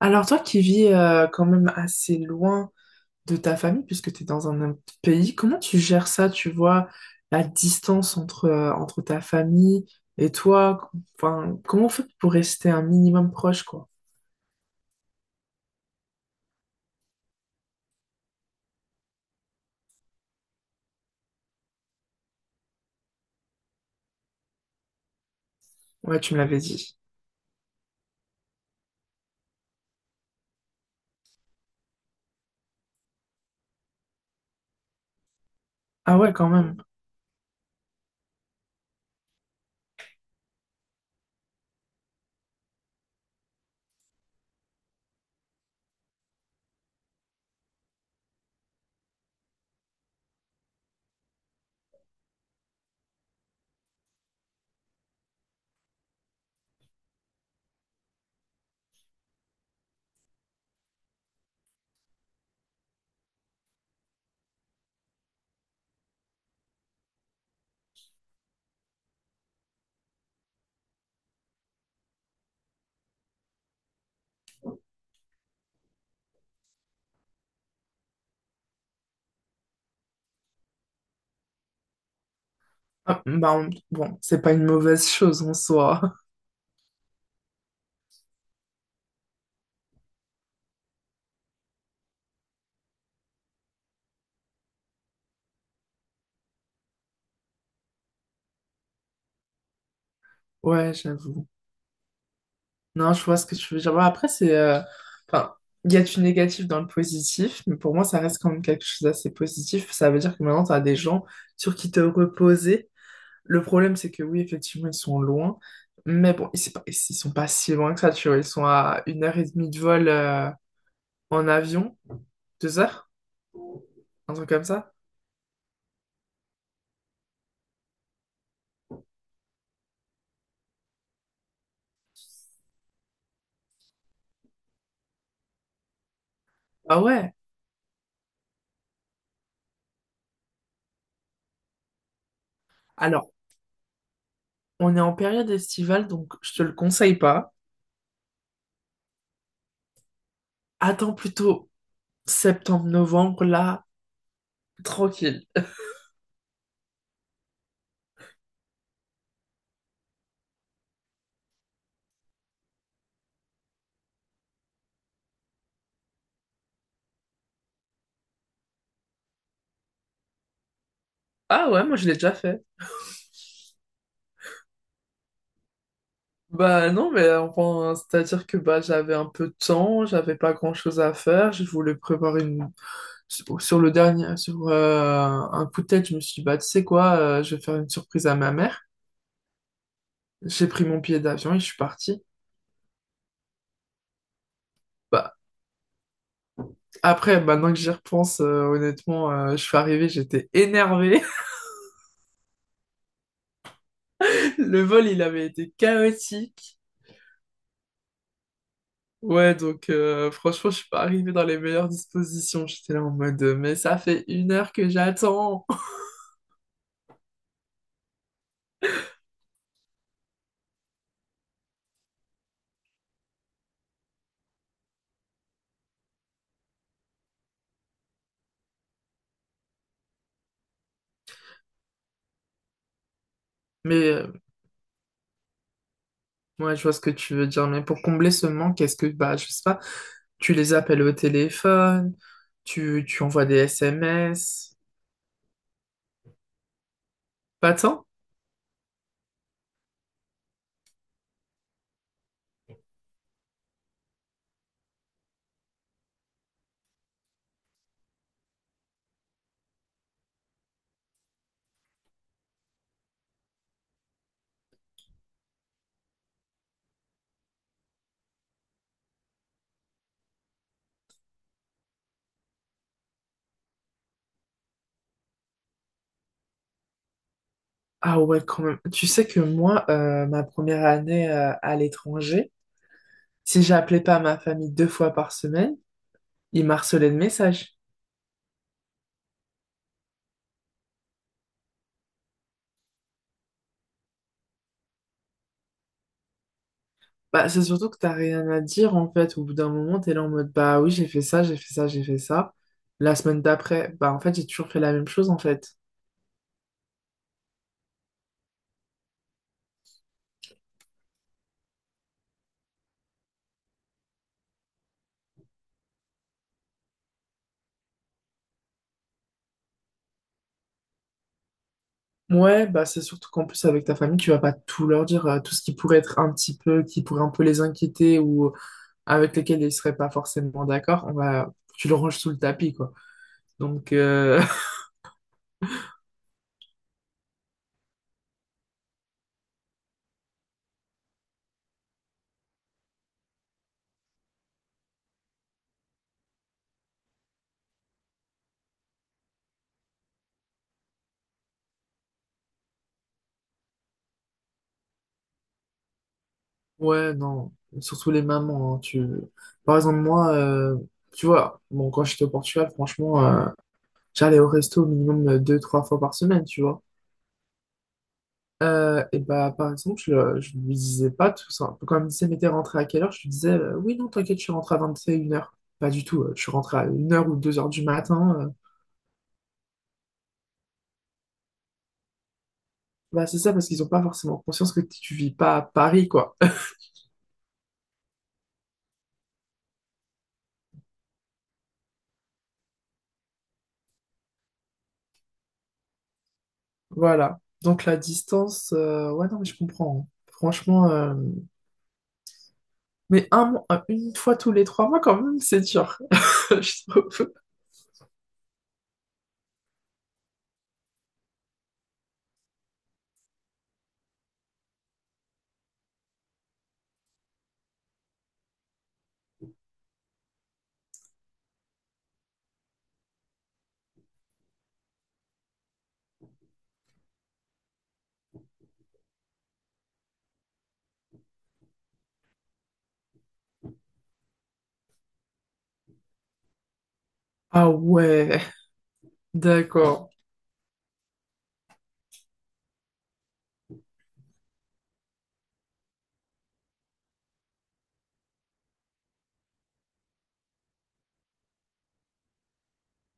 Alors toi qui vis quand même assez loin de ta famille, puisque tu es dans un autre pays, comment tu gères ça, tu vois, la distance entre ta famille et toi? Enfin, comment on fait pour rester un minimum proche, quoi? Ouais, tu me l'avais dit. Ah ouais, quand même. Ah, bah, on- bon, c'est pas une mauvaise chose en soi. Ouais, j'avoue. Non, je vois ce que tu veux dire. Bon, après, c'est. Enfin, il y a du négatif dans le positif, mais pour moi, ça reste quand même quelque chose d'assez positif. Ça veut dire que maintenant, tu as des gens sur qui te reposer. Le problème, c'est que oui, effectivement, ils sont loin, mais bon, ils sont pas si loin que ça, tu vois. Ils sont à une heure et demie de vol en avion, deux heures, un truc comme ça. Ah ouais. Alors, on est en période estivale, donc je te le conseille pas. Attends plutôt septembre-novembre, là, tranquille. Ah ouais, moi, je l'ai déjà fait. Bah non, mais enfin, c'est-à-dire que bah, j'avais un peu de temps, j'avais pas grand-chose à faire, je voulais prévoir une. Sur sur le dernier, sur un coup de tête, je me suis dit, bah tu sais quoi, je vais faire une surprise à ma mère. J'ai pris mon billet d'avion et je suis parti. Bah, après, maintenant que j'y repense, honnêtement, je suis arrivé, j'étais énervé. Le vol, il avait été chaotique. Ouais, donc franchement, je suis pas arrivé dans les meilleures dispositions. J'étais là en mode, mais ça fait une heure que j'attends. Mais ouais, je vois ce que tu veux dire, mais pour combler ce manque, est-ce que, bah, je sais pas, tu les appelles au téléphone, tu envoies des SMS, pas tant? Ah ouais, quand même. Tu sais que moi, ma première année, à l'étranger, si j'appelais pas ma famille 2 fois par semaine, ils m'harcelaient de messages. Bah, c'est surtout que t'as rien à dire, en fait. Au bout d'un moment, t'es là en mode, bah oui, j'ai fait ça, j'ai fait ça, j'ai fait ça. La semaine d'après, bah en fait, j'ai toujours fait la même chose, en fait. Ouais, bah c'est surtout qu'en plus avec ta famille, tu vas pas tout leur dire, tout ce qui pourrait être un petit peu, qui pourrait un peu les inquiéter ou avec lesquels ils seraient pas forcément d'accord, on va, tu le ranges sous le tapis, quoi. Donc ouais, non, surtout les mamans, hein, par exemple moi, tu vois, bon quand j'étais au Portugal, franchement, j'allais au resto au minimum 2, 3 fois par semaine, tu vois. Et bah, par exemple, je lui disais pas tout ça. Quand elle me disait, mais t'es rentré à quelle heure? Je lui disais, oui, non, t'inquiète, je suis rentré à 21 heures. Pas du tout, je suis rentré à 1 heure ou 2 heures du matin. Bah, c'est ça, parce qu'ils ont pas forcément conscience que tu vis pas à Paris, quoi. Voilà. Donc, la distance, ouais, non, mais je comprends, hein. Franchement, mais une fois tous les 3 mois, quand même, c'est dur. Je trouve. Ah ouais, d'accord.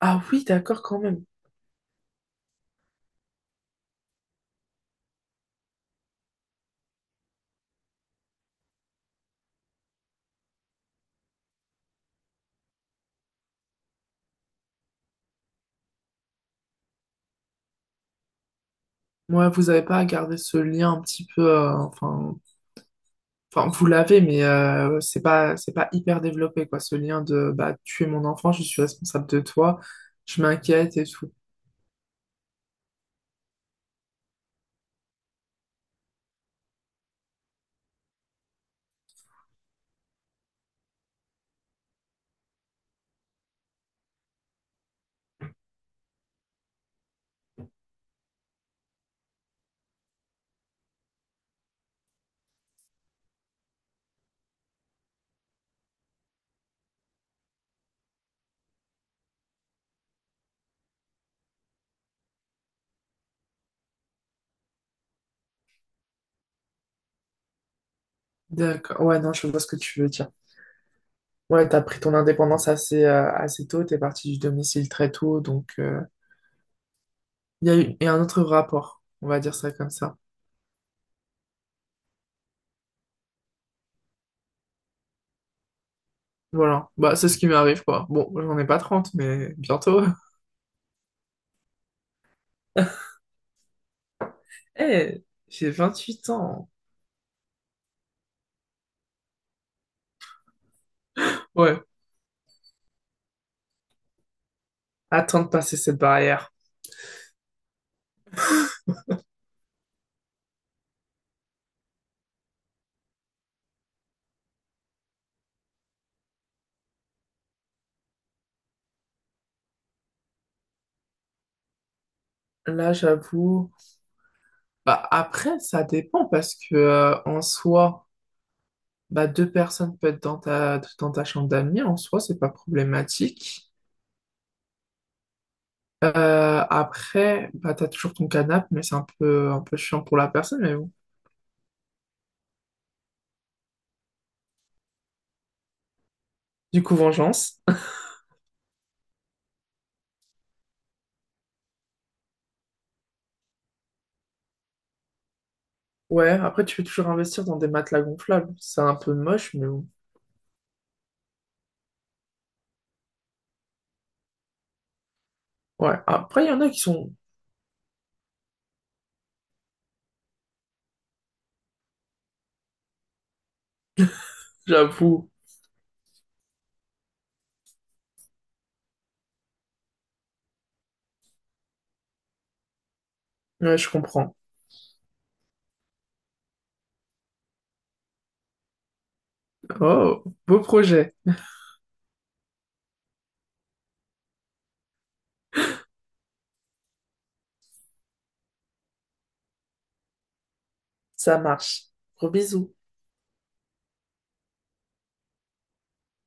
Ah oui, d'accord, quand même. Ouais, vous avez pas à garder ce lien un petit peu, enfin. Enfin, vous l'avez, mais ouais, c'est pas hyper développé, quoi, ce lien de bah, tu es mon enfant, je suis responsable de toi, je m'inquiète et tout. D'accord. Ouais, non, je vois ce que tu veux dire. Ouais, t'as pris ton indépendance assez, assez tôt, t'es parti du domicile très tôt, donc il y a un autre rapport, on va dire ça comme ça. Voilà, bah c'est ce qui m'arrive, quoi. Bon, j'en ai pas 30, mais bientôt. Eh, j'ai 28 ans. Ouais, attends de passer cette barrière. Là, j'avoue. Bah, après, ça dépend parce que en soi, bah, deux personnes peuvent être dans ta chambre d'amis. En soi, c'est pas problématique. Après, bah, t'as toujours ton canapé, mais c'est un peu chiant pour la personne. Mais bon. Du coup, vengeance. Ouais, après, tu peux toujours investir dans des matelas gonflables. C'est un peu moche, mais bon. Ouais, après, il y en a qui sont, j'avoue. Ouais, je comprends. Oh, beau projet. Ça marche. Gros bisous.